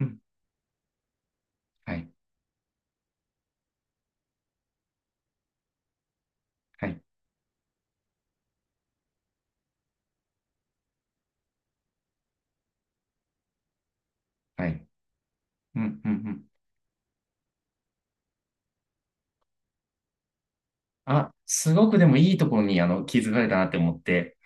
うん。はい。はい。はい。うん。うん。うん。あ、すごくでも、いいところに、気づかれたなって思って。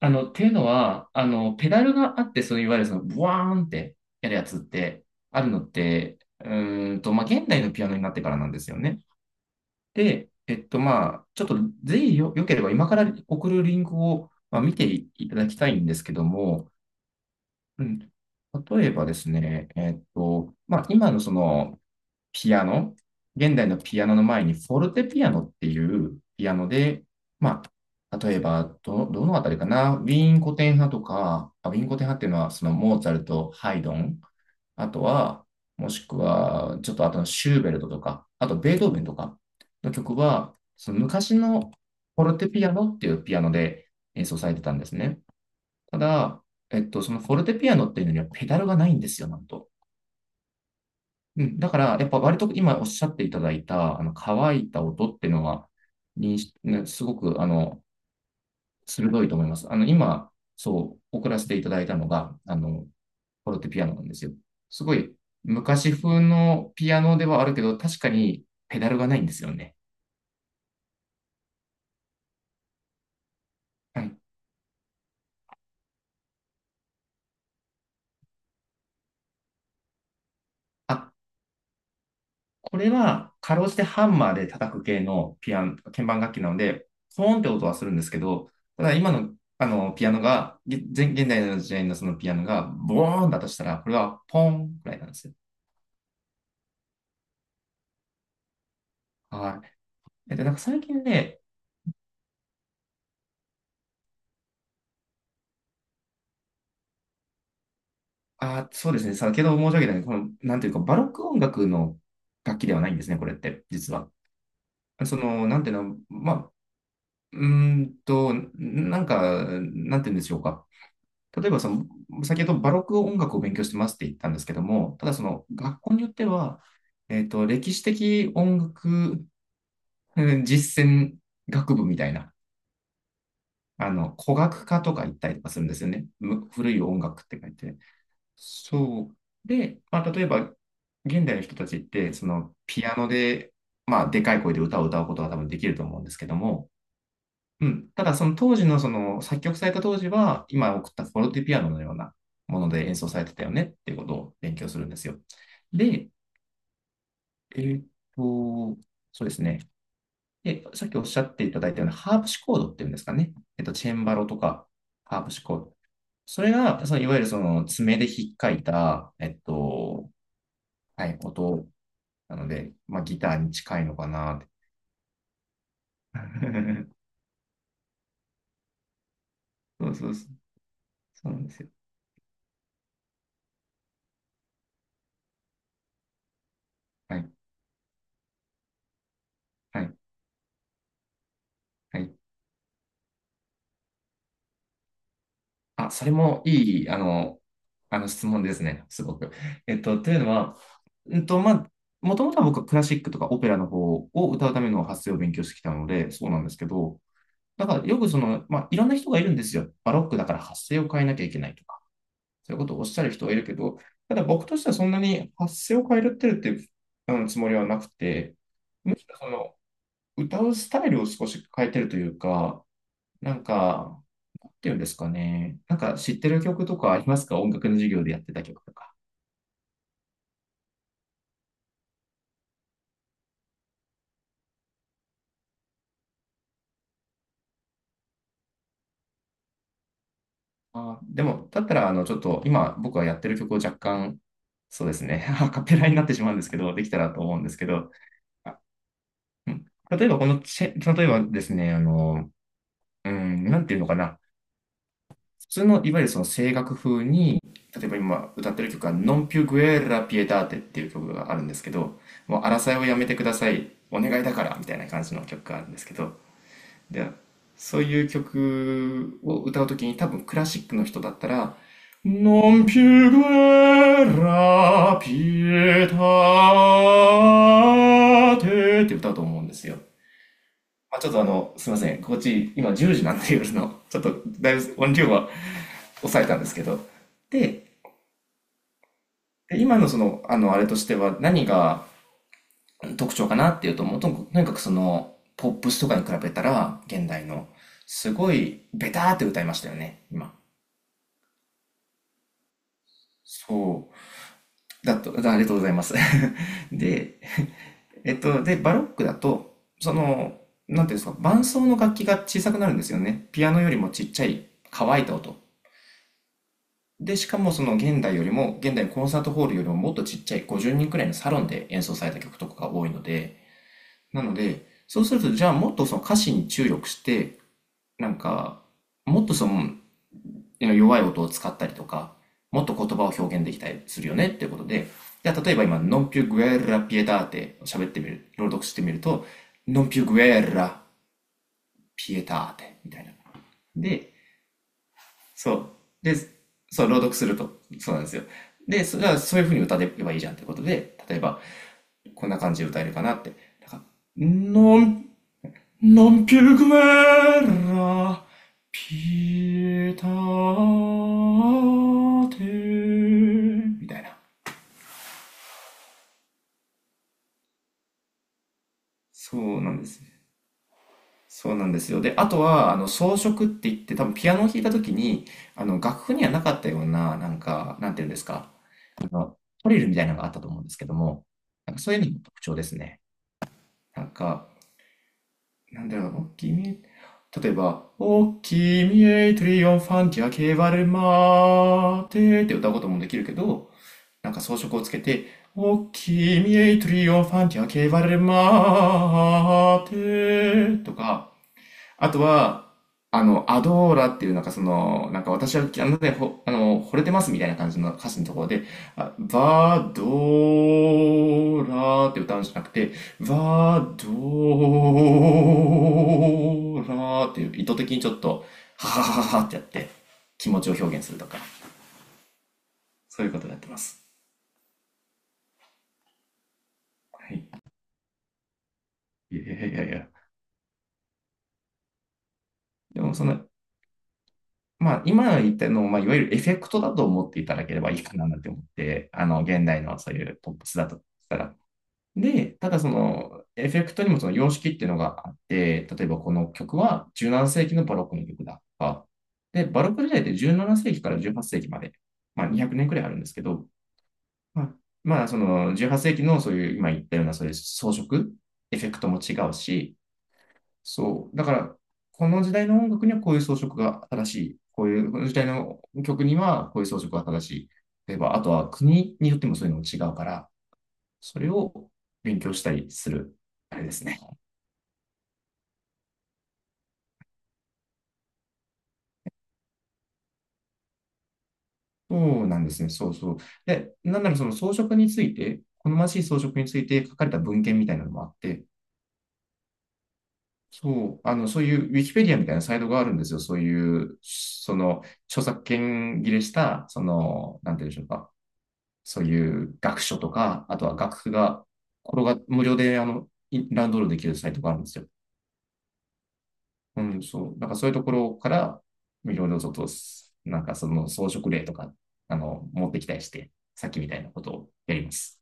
っていうのは、ペダルがあって、そう、いわゆるその、ブワーンってやるやつってあるのって、まあ、現代のピアノになってからなんですよね。で、えっと、まあ、ちょっと、ぜひよければ、今から送るリンクを、まあ、見ていただきたいんですけども。うん。例えばですね、まあ、今のその、ピアノ、現代のピアノの前にフォルテピアノっていうピアノで、まあ、例えばどのあたりかな、ウィーン古典派とか、あ、ウィーン古典派っていうのはそのモーツァルト、ハイドン、あとは、もしくは、ちょっとあとのシューベルトとか、あとベートーベンとかの曲は、その昔のフォルテピアノっていうピアノで演奏されてたんですね。ただ、そのフォルテピアノっていうのにはペダルがないんですよ、なんと。うん、だから、やっぱ割と今おっしゃっていただいた、乾いた音っていうのは、認識、ね、すごく、鋭いと思います。今、そう、送らせていただいたのが、フォロテピアノなんですよ。すごい、昔風のピアノではあるけど、確かにペダルがないんですよね。はい。あこれは、かろうじてハンマーで叩く系のピアノ、鍵盤楽器なので、ポーンって音はするんですけど、ただ今の、ピアノが、現代の時代のそのピアノが、ボーンだとしたら、これはポーンくらいなんですよ。はい。なんか最近ね。あ、そうですね、先ほど申し上げたように、この、なんていうか、バロック音楽の楽器ではないんですね、これって、実は。その、なんていうの、なんていうんでしょうか。例えばその、先ほどバロック音楽を勉強してますって言ったんですけども、ただその学校によっては、歴史的音楽うん 実践学部みたいな、古楽科とか行ったりとかするんですよね。古い音楽って書いて。そう。で、まあ、例えば、現代の人たちって、その、ピアノで、まあ、でかい声で歌を歌うことは多分できると思うんですけども、うん。ただ、その当時の、その、作曲された当時は、今送ったフォルティピアノのようなもので演奏されてたよねっていうことを勉強するんですよ。で、えーっと、そうですね。で、さっきおっしゃっていただいたようなハープシコードっていうんですかね。チェンバロとか、ハープシコード。それが、その、いわゆるその、爪でひっかいた、はい、音なので、まあ、ギターに近いのかなって。そうそうそう。そうなんですよ。はい、はい、はい。あ、それもいい、あの質問ですね、すごく。というのは、まあ、もともとは僕はクラシックとかオペラの方を歌うための発声を勉強してきたので、そうなんですけど、だからよくその、まあ、いろんな人がいるんですよ。バロックだから発声を変えなきゃいけないとか、そういうことをおっしゃる人はいるけど、ただ僕としてはそんなに発声を変えるっていうつもりはなくて、むしろその歌うスタイルを少し変えてるというか、なんか、なんていうんですかね。なんか知ってる曲とかありますか？音楽の授業でやってた曲とか。あー、でも、だったら、ちょっと今僕がやってる曲を若干、そうですね、アカペラになってしまうんですけど、できたらと思うんですけど、あうん例えばこの例えばですね、なんていうのかな。普通の、いわゆるその声楽風に、例えば今歌ってる曲は、ノンピュグエラピエターテっていう曲があるんですけど、もう争いをやめてください、お願いだから、みたいな感じの曲があるんですけど、で、そういう曲を歌うときに、多分クラシックの人だったら、Non più guerra, pietate って歌うと思うんですよ。まあ、ちょっとすいません。こっち今10時なんで夜の、ちょっとだいぶ音量は抑えたんですけど。で、で今のその、あれとしては何が特徴かなっていうと、もうとにかくその、ポップスとかに比べたら、現代の、すごいベターって歌いましたよね、今。そう。だと、だありがとうございます。で、で、バロックだと、その、なんていうんですか、伴奏の楽器が小さくなるんですよね。ピアノよりもちっちゃい乾いた音。で、しかもその現代よりも、現代のコンサートホールよりももっとちっちゃい50人くらいのサロンで演奏された曲とかが多いので、なので、そうすると、じゃあもっとその歌詞に注力して、なんか、もっとその弱い音を使ったりとか、もっと言葉を表現できたりするよねっていうことで、じゃあ例えば今、ノンピュグエラピエターテ喋ってみる、朗読してみると、ノンピュグエラピエターテみたいな。で、そう。で、そう、朗読すると、そうなんですよ。で、それはそういう風に歌えばいいじゃんってことで、例えば、こんな感じで歌えるかなって。なんか、ノン Non più guerra, pietate みたいな。そうなんですね。そうなんですよ。で、あとは、装飾って言って、多分ピアノを弾いた時に、楽譜にはなかったような、なんか、なんていうんですか、トリルみたいなのがあったと思うんですけども、なんかそういうのも特徴ですね。なんか、なんだろうな、君へ、例えば、お君へトリオンファンティアケバルマーテって歌うこともできるけど、なんか装飾をつけて、お君へトリオンファンティアケバルマーテとか、あとは、アドーラっていうなんかその、なんか私は、あのね、ほ、あの、惚れてますみたいな感じの歌詞のところで、バドーラーって歌うんじゃなくて、バドーラーっていう意図的にちょっと、はははははってやって気持ちを表現するとか、そういうことをやってます。はい。いやいやいや。でもその、まあ、今言ったのを、まあ、いわゆるエフェクトだと思っていただければいいかななんて思って、現代のそういうポップスだとしたら、で、ただそのエフェクトにもその様式っていうのがあって、例えばこの曲は17世紀のバロックの曲だとか、で、バロック時代って17世紀から18世紀まで、まあ200年くねんくらいあるんですけど、まあ、まあその18世紀のそういう今言ったようなそういう装飾、エフェクトも違うし、そう、だからこの時代の音楽にはこういう装飾が正しい、こういうこの時代の曲にはこういう装飾が正しい。例えば、あとは国によってもそういうのも違うから、それを勉強したりする、あれですね。そうなんですね。そうそう。で、なんならその装飾について、好ましい装飾について書かれた文献みたいなのもあって、そう、そういうウィキペディアみたいなサイトがあるんですよ。そういう、その、著作権切れした、その、なんて言うんでしょうか。そういう学書とか、あとは楽譜が、これが無料で、ダウンロードできるサイトがあるんですよ。うん、そう。なんかそういうところから、いろいろちょっと、なんかその装飾例とか、持ってきたりして、さっきみたいなことをやります。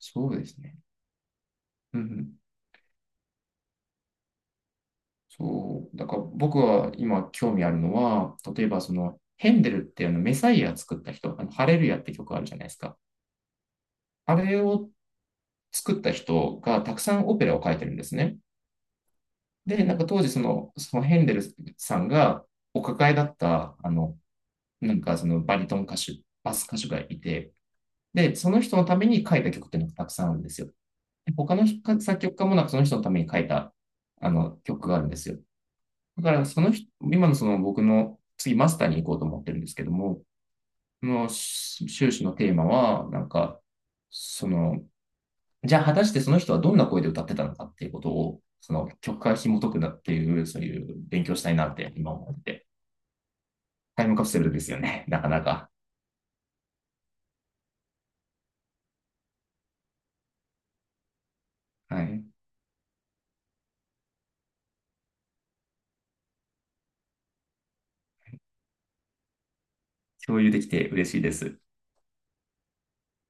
そうですね。うんうん。そう。だから僕は今興味あるのは、例えばその、ヘンデルってあのメサイア作った人、あのハレルヤって曲あるじゃないですか。あれを作った人がたくさんオペラを書いてるんですね。で、なんか当時その、そのヘンデルさんがお抱えだった、なんかそのバリトン歌手、バス歌手がいて、で、その人のために書いた曲っていうのがたくさんあるんですよ。他の作曲家もなんかその人のために書いた曲があるんですよ。だからその今のその僕の次マスターに行こうと思ってるんですけども、この修士のテーマは、なんか、その、じゃあ果たしてその人はどんな声で歌ってたのかっていうことを、その曲から紐解くなっていう、そういう勉強したいなって今思ってて、タイムカプセルですよね、なかなか。はい。共有できて嬉しいです。